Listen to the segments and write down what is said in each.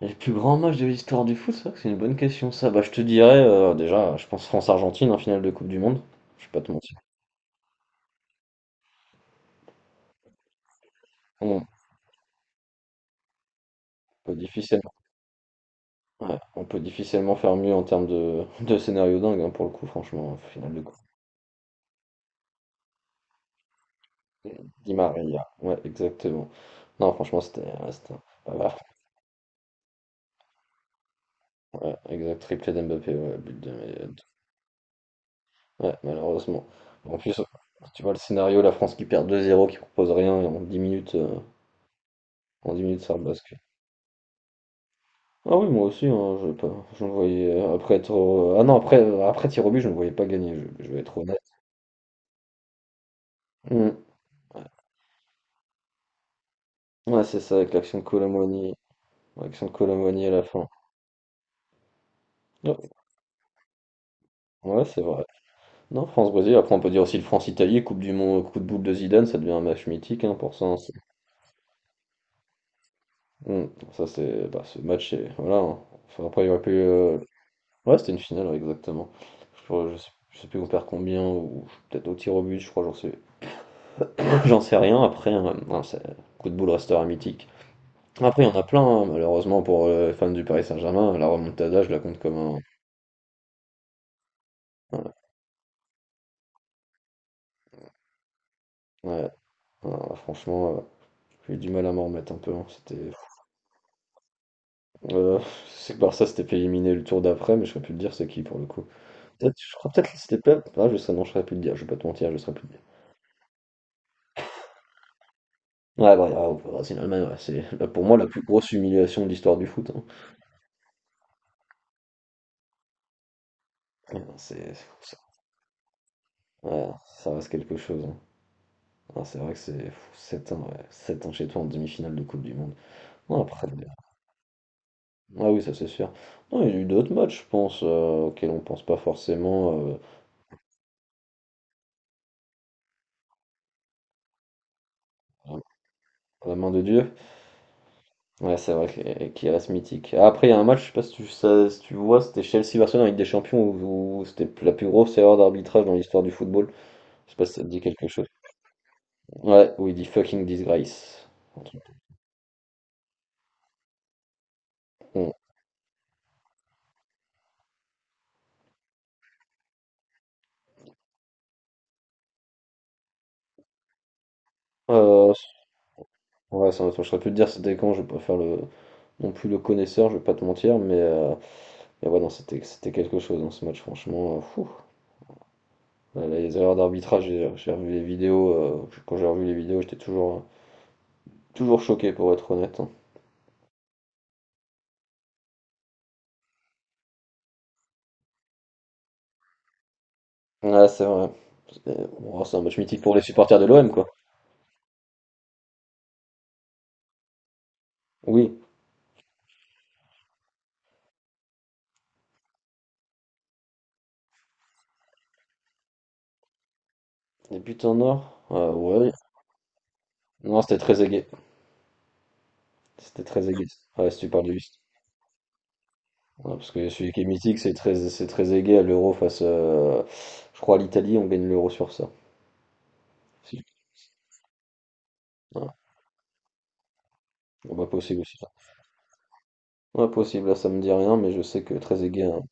Le plus grand match de l'histoire du foot, c'est vrai que c'est une bonne question ça. Je te dirais, déjà, je pense France-Argentine en finale de coupe du monde. Je vais pas te mentir. On peut difficilement ouais, on peut difficilement faire mieux en termes de scénario dingue, hein, pour le coup, franchement, finale de coupe. Di Maria, ouais, exactement. Non, franchement, c'était, ouais, c'était pas mal. Ouais, exact, triplé d'Mbappé, ouais, but de Mbappé. Ouais, malheureusement. En plus, tu vois le scénario, la France qui perd 2-0, qui propose rien et en 10 minutes, ça rebascule. Ah oui, moi aussi, hein, je pas, je me voyais après être ah non après après tir au but, je ne voyais pas gagner, je vais être honnête. Mm. Ouais, c'est ça, avec l'action de Colomboigny à la fin. Ouais, ouais, c'est vrai. Non, France-Brésil, après on peut dire aussi le France-Italie, Coupe du Monde, coup de boule de Zidane, ça devient un match mythique hein, pour ça, hein, c'est- Mm. Ça c'est bah, ce match est voilà, hein. Enfin, après il y aurait pu ouais, c'était une finale ouais, exactement. Je sais plus on perd combien ou peut-être au tir au but, je crois, j'en sais j'en sais rien après hein, non, c'est- coup de boule restera mythique. Après, il y en a plein, hein, malheureusement pour les fans du Paris Saint-Germain, la remontada, je la compte comme un. Voilà. Ouais. Alors, franchement, j'ai eu du mal à m'en remettre un peu, hein. C'était. Euh, c'est que Barça s'était fait éliminer le tour d'après, mais je saurais plus te dire c'est qui pour le coup. Peut-être, je crois peut-être que c'était Pep. Ah, je sais, non, je saurais plus te dire, je vais pas te mentir, je saurais plus te dire. Ouais, bah, ah, au Brésil, Allemagne, ouais, c'est là, pour moi la plus grosse humiliation de l'histoire du foot, hein. Ouais, non, c'est. C'est- ouais, ça reste quelque chose, hein. Ah, c'est vrai que c'est 7 ans, ouais, 7 ans chez toi en demi-finale de Coupe du Monde. Non, après, bon, ah oui, ça c'est sûr. Non, il y a eu d'autres matchs, je pense, auxquels on pense pas forcément à la main de Dieu. Ouais, c'est vrai que- qu'il reste mythique. Ah, après, il y a un match, je sais pas si tu, ça- si tu vois, c'était Chelsea-Barcelone en Ligue des Champions, où, où c'était la plus grosse erreur d'arbitrage dans l'histoire du football. Je sais pas si ça te dit quelque chose. Ouais, où il dit fucking disgrace. Un truc. Bon. Euh, ouais, ça, je saurais plus te dire c'était quand, je vais pas faire le, non plus le connaisseur, je vais pas te mentir, mais ouais, non, c'était quelque chose dans ce match, franchement, fou. Ouais, les erreurs d'arbitrage, j'ai revu les vidéos, quand j'ai revu les vidéos, toujours choqué pour être honnête, hein. Ouais, c'est vrai. C'est oh, c'est un match mythique pour les supporters de l'OM, quoi. Oui. Les buts en or, ouais. Non, c'était très aigué. C'était très aigué. Ouais, si tu parles de juste. Ouais, parce que celui qui est mythique, c'est très aigué à l'euro face, je crois, à l'Italie. On gagne l'euro sur ça. Si. Ouais. Bon, bah, possible aussi, ça. Ouais, possible. Là, ça me dit rien, mais je sais que très aigué, hein,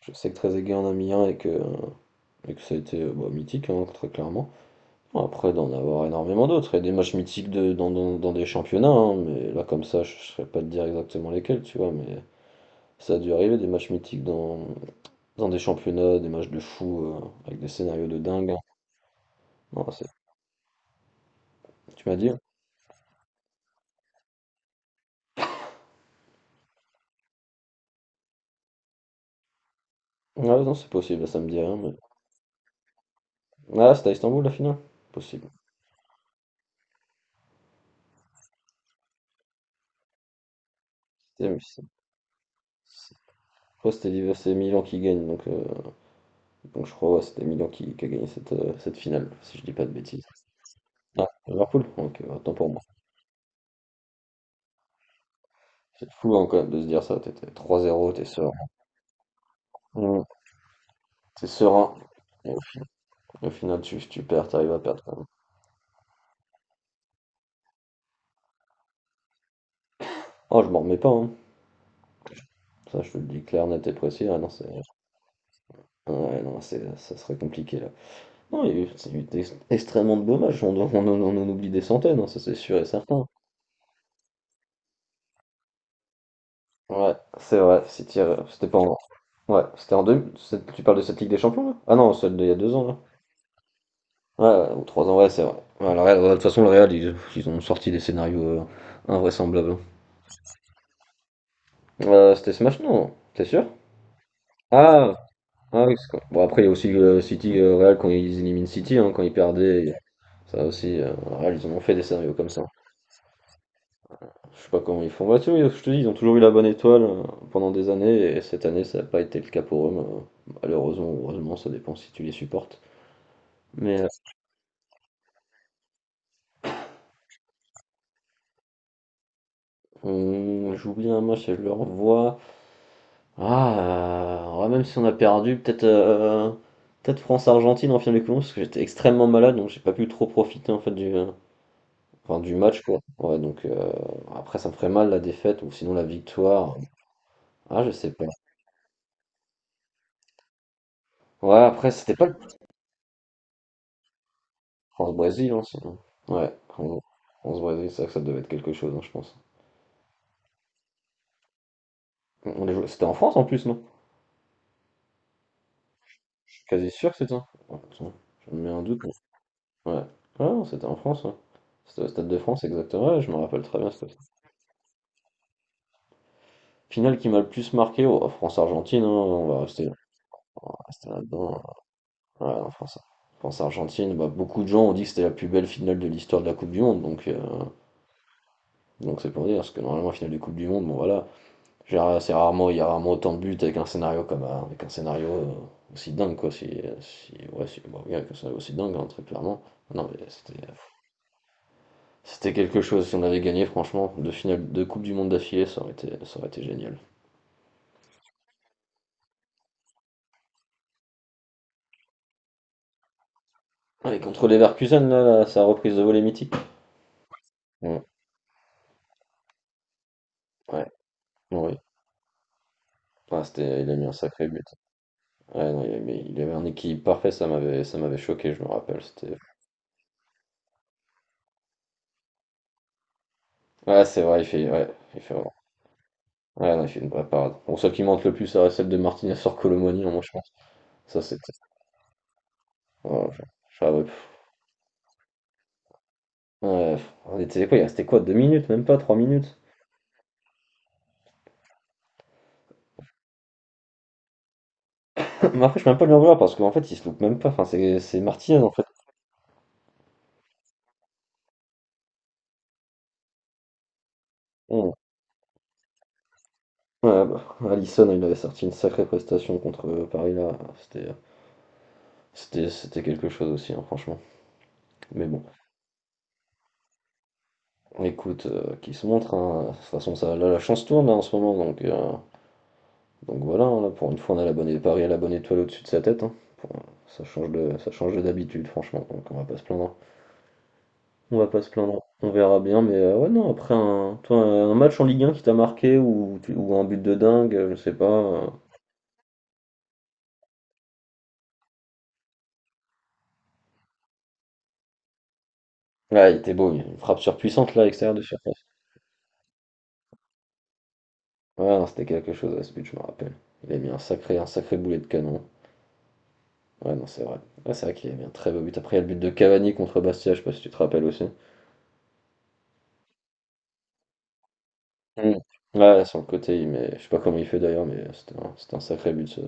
je sais que très aigué en a mis un et que. Et que ça a été bah, mythique, hein, très clairement. Après, d'en avoir énormément d'autres. Il y a des matchs mythiques dans des championnats, hein, mais là, comme ça, je ne saurais pas te dire exactement lesquels, tu vois, mais ça a dû arriver, des matchs mythiques dans, dans des championnats, des matchs de fou, avec des scénarios de dingue, hein. Non, c'est- tu m'as dit? Ah non, c'est possible, ça me dit rien, mais... Ah, c'était à Istanbul, la finale? Possible. C'était... mais c'est- je crois que c'était l'hiver- c'est Milan qui gagne, donc je crois ouais, qui a gagné cette, cette finale, si je dis pas de bêtises. Ah, Liverpool? Ok, autant pour moi. C'est fou hein, quand même de se dire ça, t'es 3-0, t'es serein. Mm. T'es serein. Et au final tu perds, t'arrives à perdre quand même. Oh je m'en remets pas hein. Ça je te le dis clair, net et précis. Ah non c'est. Ouais non c'est ça serait compliqué là. Non, il y a eu, c'est eu extrêmement de dommages. On en oublie des centaines, hein, ça c'est sûr et certain. Ouais, c'est vrai, City, c'était pas en. Ouais, c'était en deux, c'est- tu parles de cette Ligue des Champions là? Ah non, celle d'il y a deux ans là. Ouais, ouais, ou trois ans, ouais, c'est vrai. Ouais, le Real, ouais, de toute façon, ils ont sorti des scénarios invraisemblables, hein. C'était ce match? Non, t'es sûr? Ah, ah oui, c'est quoi. Bon, après, il y a aussi City, Real, quand ils éliminent City, hein, quand ils perdaient, et- ça aussi, Real, ils en ont fait des scénarios comme ça. Je sais pas comment ils font. Bah, tu vois, je te dis, ils ont toujours eu la bonne étoile pendant des années, et cette année, ça n'a pas été le cas pour eux, mais, malheureusement, ou heureusement, ça dépend si tu les supportes. Mais on- j'oublie un match et je le revois. Ah, ouais, même si on a perdu, peut-être peut-être France-Argentine en finale de couloir, parce que j'étais extrêmement malade, donc j'ai pas pu trop profiter en fait du, enfin, du match, quoi. Ouais, donc après, ça me ferait mal la défaite ou sinon la victoire. Ah, je sais pas. Ouais, après, c'était pas le France-Brésil, hein, sinon. Ouais, France- France-Brésil, c'est ça que ça devait être quelque chose, hein, je pense. On les jouait- c'était en France en plus, non? Je suis quasi sûr que c'était ça. Oh, attends, je me mets un doute, mais- ouais. Ah, non, c'était en France, ouais. C'était au Stade de France, exactement. Ouais, je me rappelle très bien, c'était- finale qui m'a le plus marqué, oh, France-Argentine, hein, on va rester là-dedans, hein. Ouais, non, France, France Argentine, bah, beaucoup de gens ont dit que c'était la plus belle finale de l'histoire de la Coupe du Monde, donc c'est pour dire, parce que normalement la finale de Coupe du Monde, bon voilà, genre, c'est rarement, il y a rarement autant de buts avec un scénario comme avec un scénario aussi dingue quoi, si, si ouais si bon, oui, avec un scénario aussi dingue hein, très clairement. Non mais c'était quelque chose, si on avait gagné franchement, deux finales de Coupe du Monde d'affilée, ça aurait été génial. Et contre les Leverkusen là, sa reprise de volée mythique. Ouais, ouais, oui. Ah, c'était, il a mis un sacré but. Ouais, non, il- mais il avait un équilibre parfait, ça m'avait choqué, je me rappelle. C'était. Ouais c'est vrai, il fait. Ouais, il fait vraiment. Ouais, non, il fait une vraie parade. Bon, celle qui monte le plus, ça reste celle de Martinez sur Colomani, moi, je pense. Ça, c'était. Oh, je serais- ouais, pff. Ouais, pff, on était quoi, il restait quoi, deux minutes, même pas, trois minutes. Mais après, je peux même pas lui en vouloir parce qu'en fait, il se loupe même pas. Enfin, c'est Martinez, en fait. Bon. Ouais, bah, Alisson, il avait sorti une sacrée prestation contre Paris, là. C'était c'était quelque chose aussi, hein, franchement. Mais bon. Écoute, qui se montre, hein. De toute façon, ça, là, la chance tourne là, en ce moment, donc voilà, hein, là, pour une fois, on a la bonne, Paris a la bonne étoile au-dessus de sa tête, hein. Pour- ça change de d'habitude, franchement, donc on va pas se plaindre, hein. On va pas se plaindre, on verra bien, mais ouais, non, après un, toi, un match en Ligue 1 qui t'a marqué ou, tu- ou un but de dingue, je sais pas, Ah, il était beau, il y a une frappe surpuissante là, à l'extérieur de surface. Ouais, non, c'était quelque chose à ce but, je me rappelle. Il a mis un sacré boulet de canon. Ouais, non, c'est vrai. Ouais, c'est vrai qu'il a mis un très beau but. Après, il y a le but de Cavani contre Bastia, je sais pas si tu te rappelles aussi. Mm. Ouais, sur le côté, il met... je sais pas comment il fait d'ailleurs, mais c'était un sacré but, ce-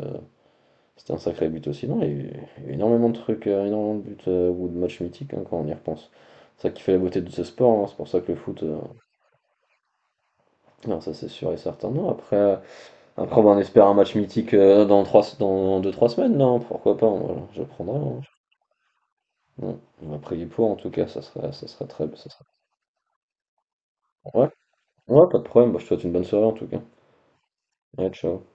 c'était un sacré but aussi. Non, il y a eu énormément de trucs, énormément de buts ou de matchs mythiques hein, quand on y repense. C'est ça qui fait la beauté de ce sport, hein, c'est pour ça que le foot, non, ça c'est sûr et certain. Non, après, après bah, on espère un match mythique dans trois, dans deux trois semaines, non, pourquoi pas, moi, je prendrai, hein. Ouais. On va prier pour en tout cas, ça serait très. Ça serait... Ouais, ouais, pas de problème, bah, je te souhaite une bonne soirée en tout cas. Ouais, ciao.